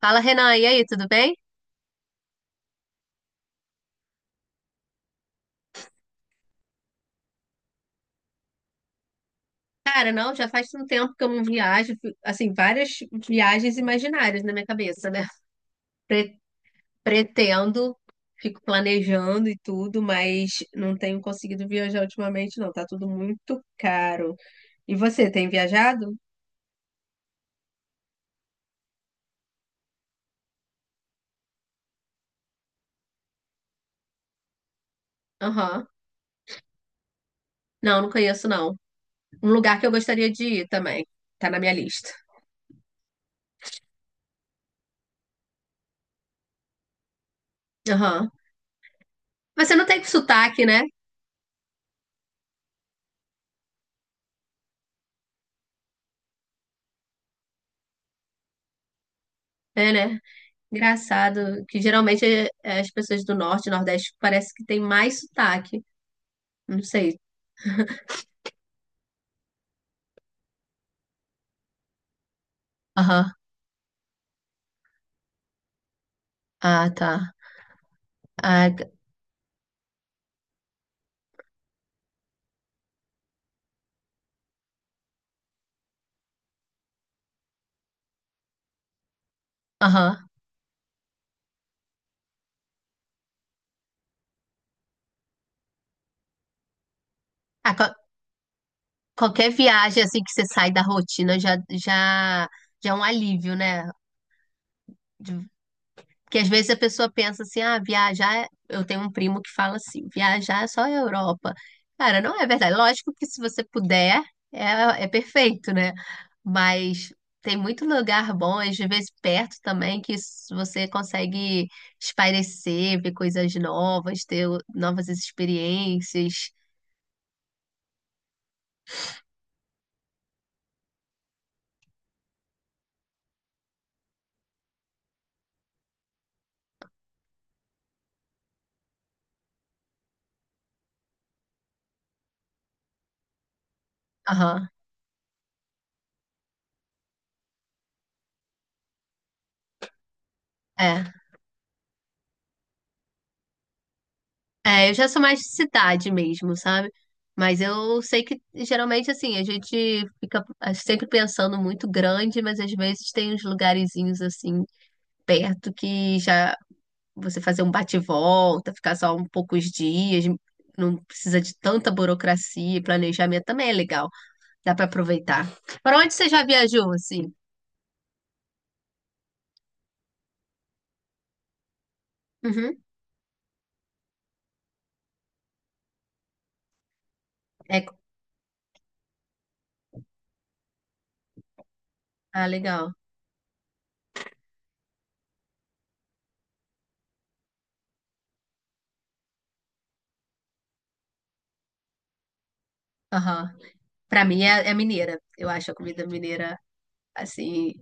Fala, Renan, e aí, tudo bem? Cara, não, já faz um tempo que eu não viajo, assim, várias viagens imaginárias na minha cabeça, né? Pre- pretendo, fico planejando e tudo, mas não tenho conseguido viajar ultimamente, não, tá tudo muito caro. E você, tem viajado? Aham. Não, não conheço, não. Um lugar que eu gostaria de ir também, tá na minha lista. Aham. Você não tem sotaque, né? É, né? Engraçado, que geralmente é as pessoas do norte nordeste parece que tem mais sotaque. Não sei. Aham. Ah, tá. Ah, g- Aham. Ah, qualquer viagem assim que você sai da rotina já é um alívio, né? De- Porque às vezes a pessoa pensa assim, ah, viajar, eu tenho um primo que fala assim, viajar é só a Europa. Cara, não é verdade. Lógico que se você puder, é perfeito, né? Mas tem muito lugar bom, às vezes perto também, que você consegue espairecer, ver coisas novas, ter novas experiências. Aham, é. É, eu já sou mais de cidade mesmo, sabe? Mas eu sei que geralmente assim, a gente fica sempre pensando muito grande, mas às vezes tem uns lugarzinhos assim perto que já você fazer um bate-volta, ficar só um poucos dias, não precisa de tanta burocracia e planejamento também é legal, dá pra aproveitar. Para onde você já viajou assim? Uhum. É, ah, legal. Aham. Pra mim é mineira. Eu acho a comida mineira assim,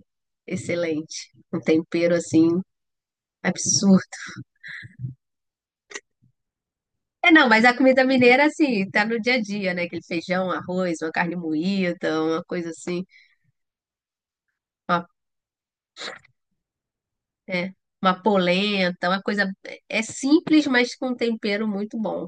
excelente. Um tempero, assim, absurdo. É, não, mas a comida mineira, assim, tá no dia a dia, né? Aquele feijão, arroz, uma carne moída, uma coisa assim, uma, é, uma polenta, uma coisa. É simples, mas com um tempero muito bom.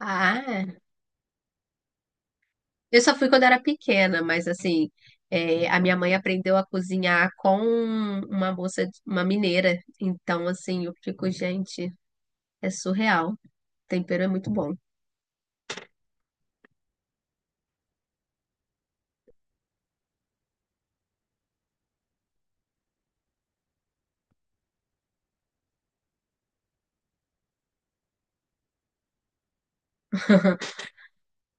Ah, é. Eu só fui quando era pequena, mas assim, é, a minha mãe aprendeu a cozinhar com uma moça, uma mineira. Então, assim, eu fico, gente, é surreal. O tempero é muito bom.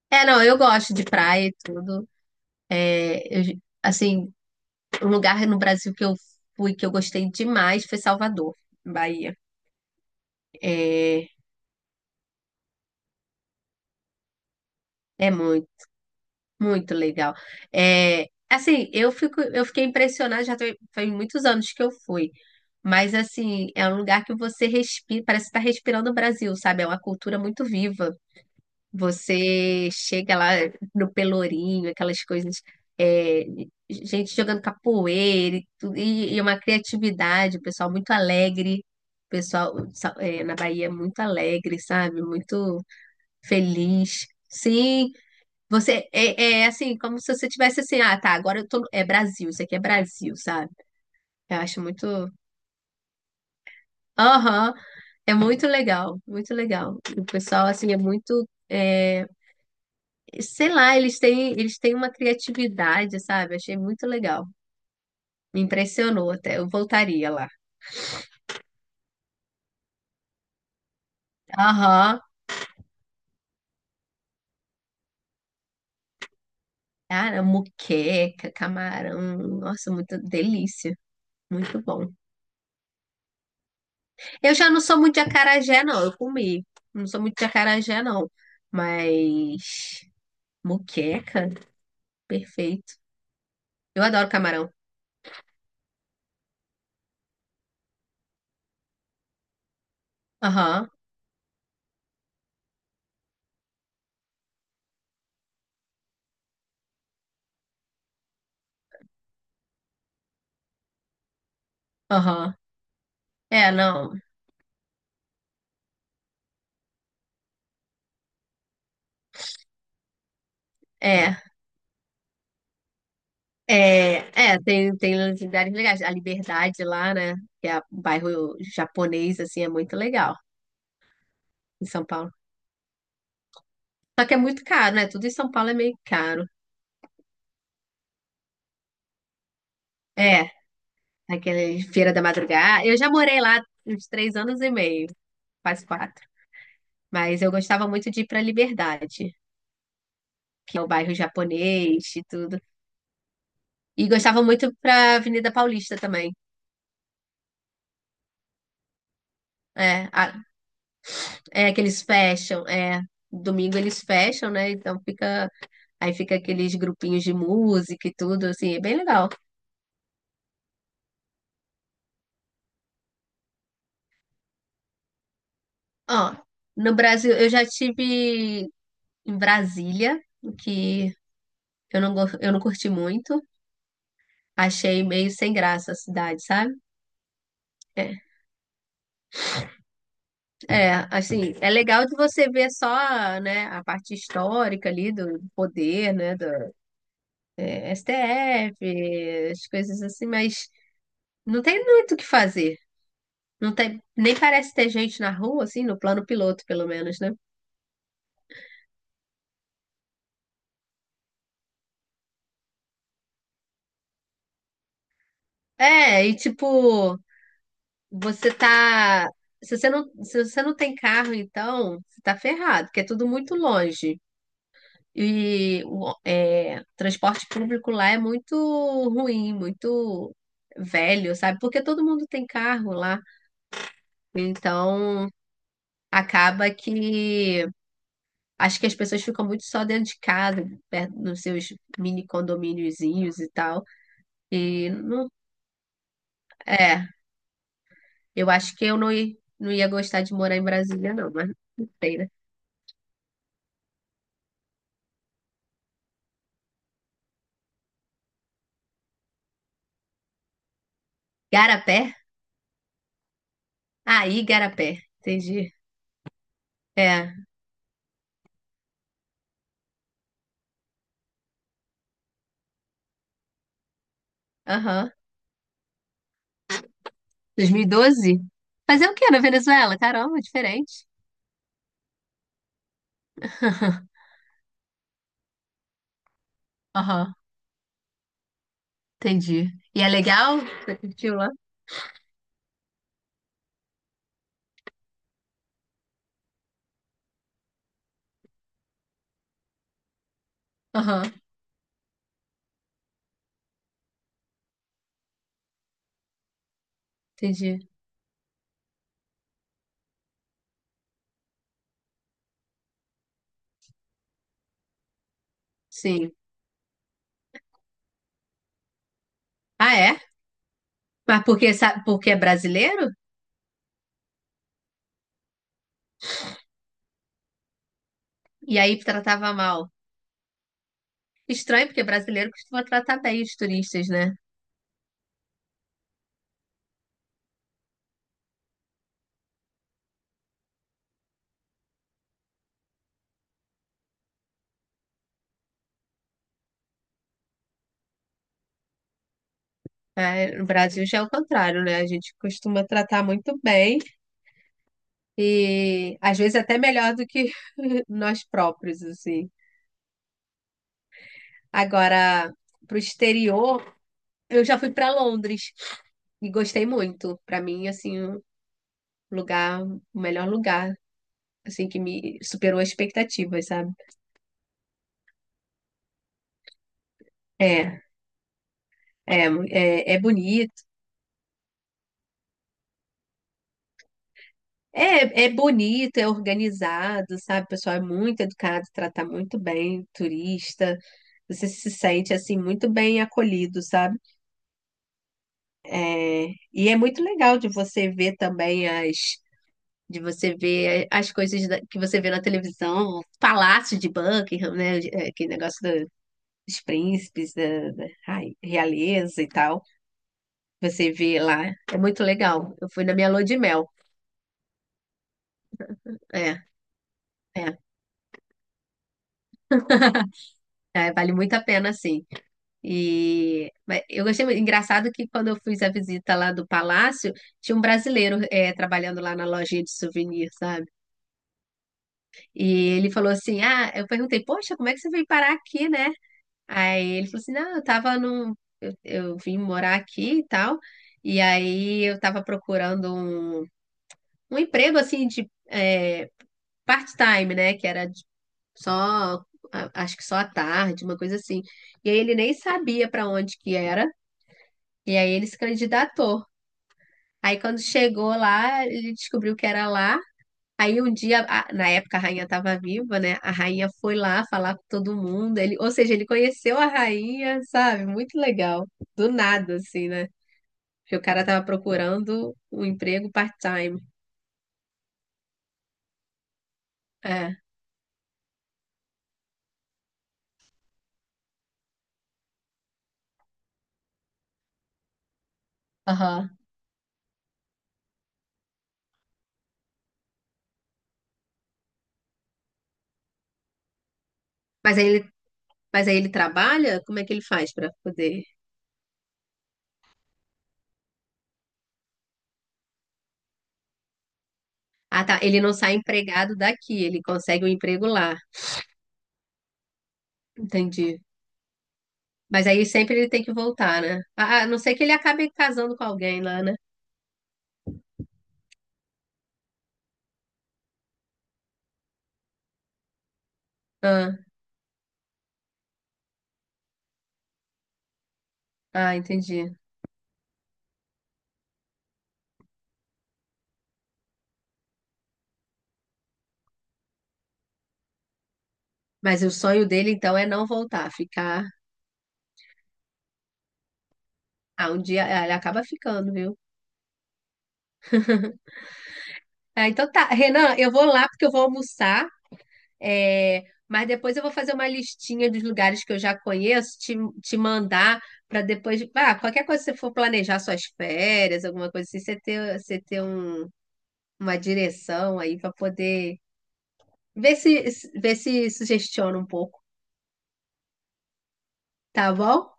É, não, eu gosto de praia e tudo. É, assim, o lugar no Brasil que eu fui, que eu gostei demais, foi Salvador, Bahia. É, é muito, muito legal. É, assim, eu fiquei impressionada, foi muitos anos que eu fui. Mas, assim, é um lugar que você respira, parece estar respirando o Brasil, sabe? É uma cultura muito viva. Você chega lá no Pelourinho, aquelas coisas, é, gente jogando capoeira e tudo, e uma criatividade, o pessoal muito alegre, o pessoal na Bahia muito alegre, sabe? Muito feliz. Sim, você é assim, como se você tivesse assim, ah, tá, agora eu tô, é Brasil, isso aqui é Brasil, sabe? Eu acho muito, aham, é muito legal, muito legal. O pessoal assim é muito. Sei lá, eles têm uma criatividade, sabe? Achei muito legal. Me impressionou até. Eu voltaria lá. Aham. Cara, moqueca, camarão. Nossa, muita delícia. Muito bom. Eu já não sou muito de acarajé, não. Eu comi. Não sou muito de acarajé, não. Mas. Moqueca, perfeito. Eu adoro camarão. Aham, aham. É, não. É. É, é, tem lugares legais. A Liberdade lá, né? Que é o bairro japonês, assim, é muito legal em São Paulo. Só que é muito caro, né? Tudo em São Paulo é meio caro. É, aquele Feira da Madrugada. Eu já morei lá uns 3 anos e meio, quase quatro. Mas eu gostava muito de ir pra Liberdade, que é o bairro japonês e tudo. E gostava muito pra Avenida Paulista também. É, é aqueles fecham, é. Domingo eles fecham, né? Então fica Aí fica aqueles grupinhos de música e tudo, assim, é bem legal. Ó, no Brasil, eu já tive em Brasília, o que eu não curti muito. Achei meio sem graça a cidade, sabe? É, é, assim, é legal de você ver só, né, a parte histórica ali do poder, né, do STF, as coisas assim, mas não tem muito o que fazer. Não tem, nem parece ter gente na rua, assim, no plano piloto, pelo menos, né? É, e tipo, Você tá. Se você não tem carro, então, você tá ferrado, porque é tudo muito longe. E o transporte público lá é muito ruim, muito velho, sabe? Porque todo mundo tem carro lá. Então, acaba que. Acho que as pessoas ficam muito só dentro de casa, perto nos seus mini condomíniozinhos e tal. E não. É, eu acho que eu não ia gostar de morar em Brasília, não, mas não sei, né? Garapé? Ah, Igarapé. Entendi. É. Aham. 2012? Fazer o quê na Venezuela? Caramba, diferente. Aham. Entendi. E é legal? Você curtiu lá? Aham. Entendi. Sim. Ah, é? Mas porque, sabe, porque é brasileiro? E aí tratava mal. Estranho, porque brasileiro costuma tratar bem os turistas, né? É, no Brasil já é o contrário, né? A gente costuma tratar muito bem e às vezes até melhor do que nós próprios, assim. Agora, pro exterior, eu já fui para Londres e gostei muito. Para mim, assim, o melhor lugar, assim, que me superou as expectativas, sabe? É, é, é bonito. É, é bonito, é organizado, sabe? O pessoal é muito educado, trata muito bem turista. Você se sente assim muito bem acolhido, sabe? É, e é muito legal de você ver também as de você ver as coisas que você vê na televisão, o palácio de Buckingham, né? Aquele negócio dos príncipes, ai, realeza e tal. Você vê lá, é muito legal. Eu fui na minha lua de mel. É, é, vale muito a pena, sim. Mas eu achei muito. Engraçado que quando eu fiz a visita lá do palácio, tinha um brasileiro trabalhando lá na lojinha de souvenir, sabe? E ele falou assim: Ah, eu perguntei, poxa, como é que você veio parar aqui, né? Aí ele falou assim: não, eu tava num. Eu vim morar aqui e tal. E aí eu tava procurando um emprego assim de part-time, né? Que era só, acho que só à tarde, uma coisa assim. E aí ele nem sabia pra onde que era. E aí ele se candidatou. Aí quando chegou lá, ele descobriu que era lá. Aí um dia, na época a rainha estava viva, né? A rainha foi lá falar com todo mundo. Ele, ou seja, ele conheceu a rainha, sabe? Muito legal. Do nada, assim, né? Porque o cara tava procurando um emprego part-time. É. Aham. Mas aí ele, mas aí ele trabalha? Como é que ele faz para poder? Ah, tá. Ele não sai empregado daqui, ele consegue um emprego lá. Entendi. Mas aí sempre ele tem que voltar, né? Ah, a não ser que ele acabe casando com alguém lá, né? Ah, ah, entendi. Mas o sonho dele, então, é não voltar, ficar. Ah, um dia ele acaba ficando, viu? Ah, então tá. Renan, eu vou lá porque eu vou almoçar. Mas depois eu vou fazer uma listinha dos lugares que eu já conheço, te mandar para depois. Ah, qualquer coisa que você for planejar suas férias, alguma coisa assim, você ter uma direção aí para poder ver se sugestiona um pouco, tá bom?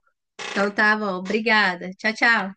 Então tá bom. Obrigada. Tchau, tchau.